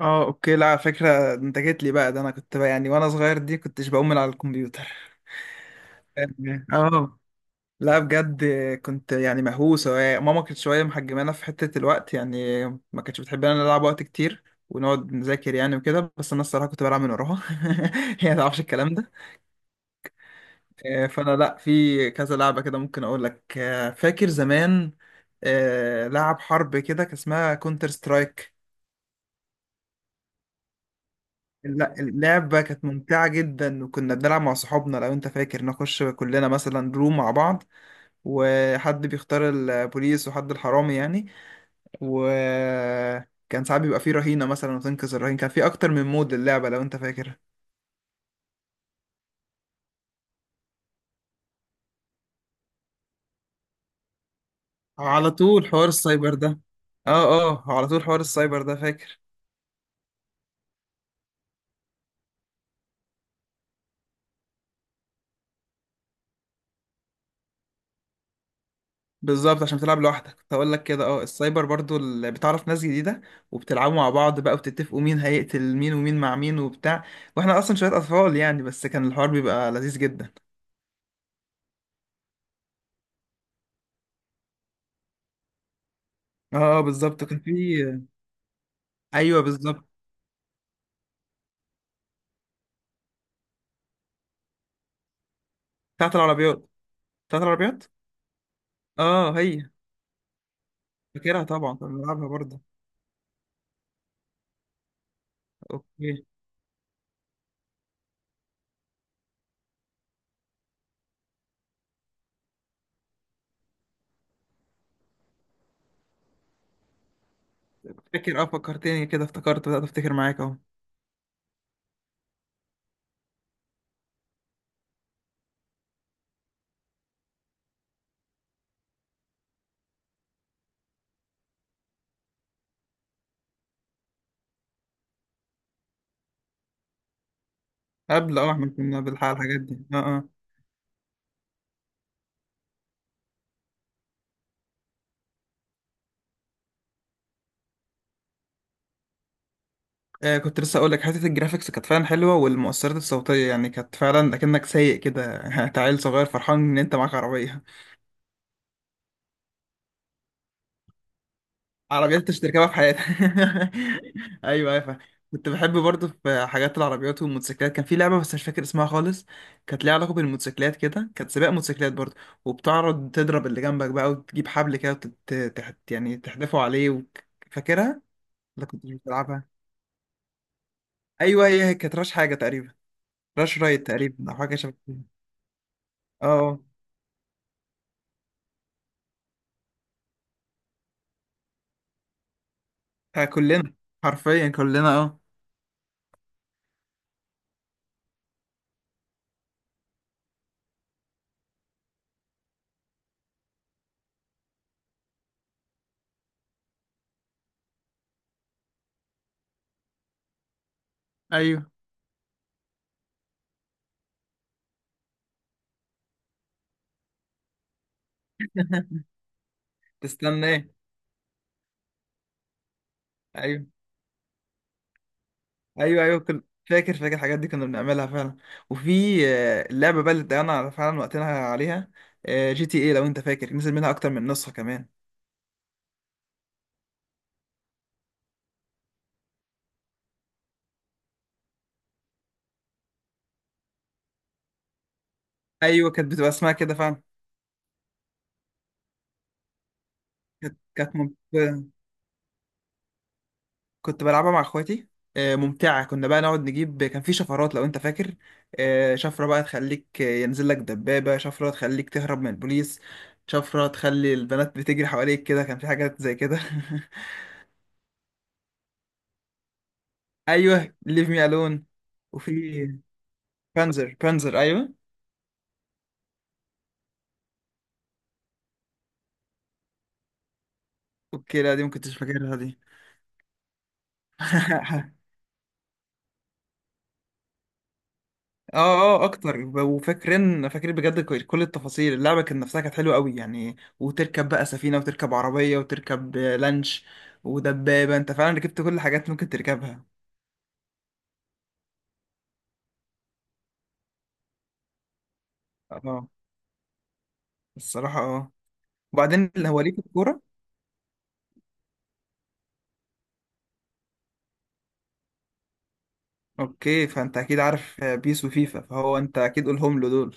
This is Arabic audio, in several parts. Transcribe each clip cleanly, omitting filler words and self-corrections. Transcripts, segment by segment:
اه، اوكي. لا، على فكرة، انت جيت لي بقى ده، انا كنت بقى يعني وانا صغير دي كنتش بقوم من على الكمبيوتر فاهم؟ اه، لا بجد، كنت يعني مهووس. ماما كانت شوية محجمانا في حتة الوقت يعني، ما كانتش بتحبنا نلعب وقت كتير ونقعد نذاكر يعني وكده، بس انا الصراحة كنت بلعب من وراها. هي ما تعرفش الكلام ده. فانا لا، في كذا لعبة كده ممكن اقول لك. فاكر زمان لعب حرب كده كان اسمها كونتر سترايك. لا، اللعبة كانت ممتعة جدا، وكنا بنلعب مع صحابنا. لو انت فاكر، نخش كلنا مثلا روم مع بعض، وحد بيختار البوليس وحد الحرامي يعني. وكان ساعات بيبقى فيه رهينة مثلا وتنقذ الرهين، كان فيه أكتر من مود للعبة لو انت فاكر. على طول حوار السايبر ده. اه اه، على طول حوار السايبر ده، فاكر. بالظبط، عشان بتلعب لوحدك كنت هقول لك كده. اه، السايبر برضو اللي بتعرف ناس جديده، وبتلعبوا مع بعض بقى وبتتفقوا مين هيقتل مين ومين مع مين وبتاع. واحنا اصلا شويه اطفال يعني، بس كان الحوار بيبقى لذيذ جدا. اه بالظبط، كان في. ايوه بالظبط. بتاعت العربيات. بتاعت العربيات. اه هي. فاكرها طبعا، كنا بنلعبها برضه. اوكي، فاكر اه، فكرتني كده، بدأت افتكر معاك اهو. قبل، اه احنا كنا بنلحق الحاجات دي. اه اه. آه، كنت لسه اقول لك حته الجرافيكس كانت فعلا حلوه، والمؤثرات الصوتيه يعني كانت فعلا اكنك سايق كده. انت عيل صغير فرحان ان انت معاك عربيه. عربيات انت مش تركبها في حياتك. ايوه، ايوه، فاهم. كنت بحب برضه في حاجات العربيات والموتوسيكلات. كان في لعبه بس مش فاكر اسمها خالص، كانت ليها علاقه بالموتوسيكلات كده، كانت سباق موتوسيكلات برضه. وبتعرض تضرب اللي جنبك بقى، وتجيب حبل كده، يعني تحدفه عليه و... فاكرها؟ ولا كنت بتلعبها؟ ايوه، هي كانت راش حاجه تقريبا. راش رايت تقريبا، او حاجه شبه كده. اه. ها، كلنا. حرفيا كلنا، اه. ايوه. تستنى ايه؟ ايوه، ايوه، ايوه، فاكر الحاجات دي كنا بنعملها فعلا. وفي اللعبه بقى اللي ضيعنا فعلا وقتنا عليها، جي تي ايه. لو انت فاكر، نزل منها اكتر من نسخه كمان. ايوه، كانت بتبقى اسمها كده فعلا. كانت ممتعه، كنت بلعبها مع اخواتي. ممتعة. كنا بقى نقعد نجيب، كان في شفرات لو انت فاكر. شفرة بقى تخليك، ينزل لك دبابة. شفرة تخليك تهرب من البوليس. شفرة تخلي البنات بتجري حواليك كده، كان في حاجات زي كده. ايوه، ليف مي الون. وفي بانزر، بانزر، ايوه. اوكي لا، دي ممكن كنتش فاكرها دي. اه اه اكتر وفاكرين بجد كل التفاصيل. اللعبه كانت نفسها كانت حلوه قوي يعني، وتركب بقى سفينه، وتركب عربيه، وتركب لانش ودبابه. انت فعلا ركبت كل الحاجات ممكن تركبها. اه الصراحه اه، وبعدين اللي هو ليه في الكوره. اوكي، فانت اكيد عارف بيس وفيفا، فهو انت اكيد قولهم له دول.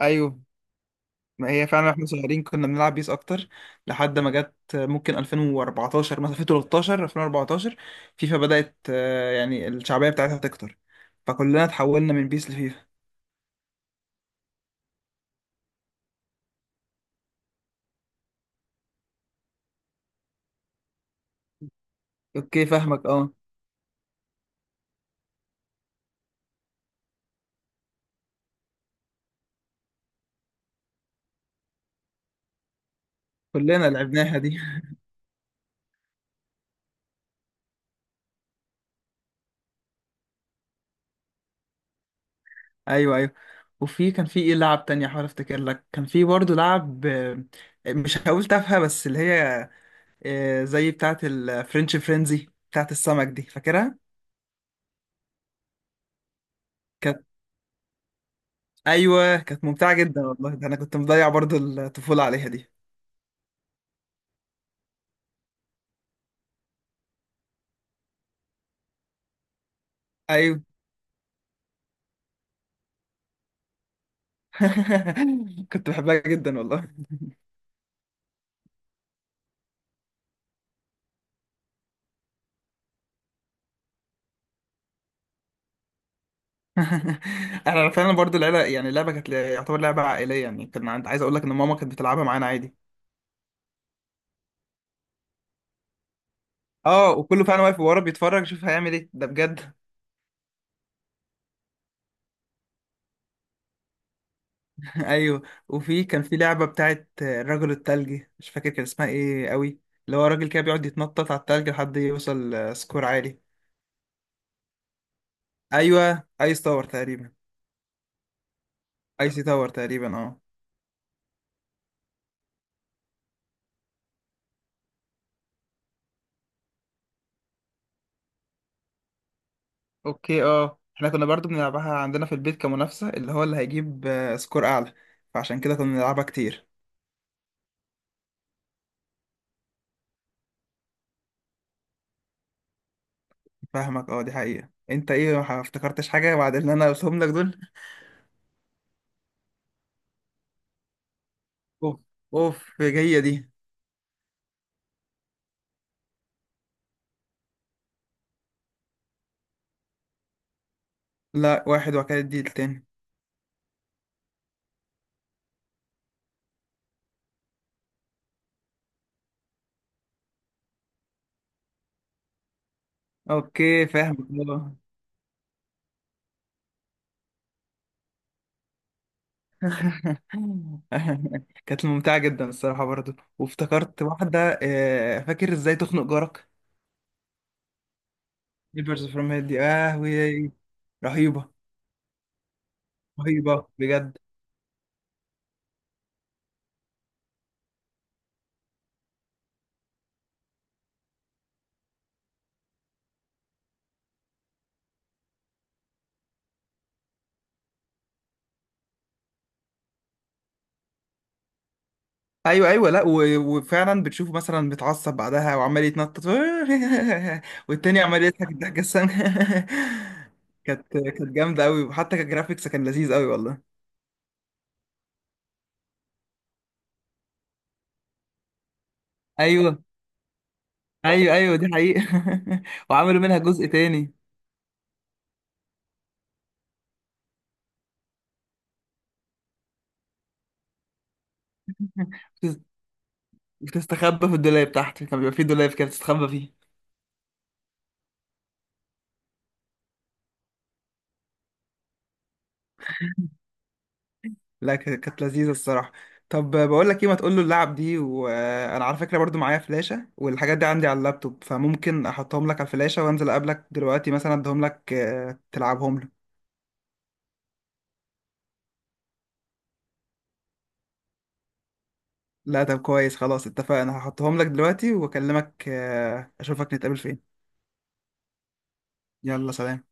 ايوه ما هي، فعلا احنا صغيرين كنا بنلعب بيس اكتر، لحد ما جت ممكن 2014، مثلا 2013، 2014 فيفا بدأت يعني الشعبية بتاعتها تكتر، فكلنا اتحولنا من بيس لفيفا. اوكي فاهمك اه. كلنا لعبناها دي. ايوه ايوه. وفي كان في ايه لعب تانية، حاول افتكر لك. كان في برضه لعب، مش هقول تافهة، بس اللي هي زي بتاعة الفرنش فرينزي بتاعة السمك دي، فاكرها؟ كانت، ايوه كانت ممتعة جدا والله، ده انا كنت مضيع برضه الطفولة عليها دي. ايوه. كنت بحبها جدا والله. انا فعلا برضو العيله يعني، اللعبه كانت يعتبر لعبه عائليه يعني. كان عند عايز اقول لك ان ماما كانت بتلعبها معانا عادي. اه، وكله فعلا واقف ورا بيتفرج، شوف هيعمل ايه ده بجد. ايوه. وفي كان في لعبه بتاعت الرجل الثلجي، مش فاكر كان اسمها ايه قوي، اللي هو راجل كده بيقعد يتنطط على الثلج لحد يوصل سكور عالي. ايوه ايس تاور تقريبا. ايسي تاور تقريبا، اه. اوكي اه، احنا كنا برضو بنلعبها عندنا في البيت كمنافسة اللي هو اللي هيجيب سكور اعلى، فعشان كده كنا بنلعبها كتير. فاهمك اه، دي حقيقة. انت ايه ما افتكرتش حاجة بعد اللي انا قلتهم لك دول؟ اوف. اوف جاية دي. لا واحد وكالة دي التاني. اوكي فاهمك اه. كانت ممتعة جدا الصراحة برضو. وافتكرت واحدة، فاكر ازاي تخنق جارك؟ نيبرز فروم هيد دي، اه رهيبة. رهيبة بجد. ايوه ايوه، لا وفعلا بتشوفه مثلا متعصب بعدها وعمال يتنطط. والتاني عمال يضحك الضحكه السامه. كانت جامده قوي، وحتى كجرافيكس كان لذيذ قوي والله. ايوه ايوه ايوه، دي حقيقه. وعملوا منها جزء تاني. بتس- بتستخبى في الدولاب تحت، كان بيبقى فيه دولاب كده بتستخبى. لا كانت لذيذة الصراحة. طب، بقول لك ايه، ما تقول له اللعب دي، وانا على فكرة برضو معايا فلاشة والحاجات دي عندي على اللابتوب، فممكن احطهم لك على الفلاشة وانزل اقابلك دلوقتي مثلا، اديهم لك تلعبهم له. لا طب كويس، خلاص اتفقنا، هحطهم لك دلوقتي واكلمك، اشوفك نتقابل فين. يلا سلام.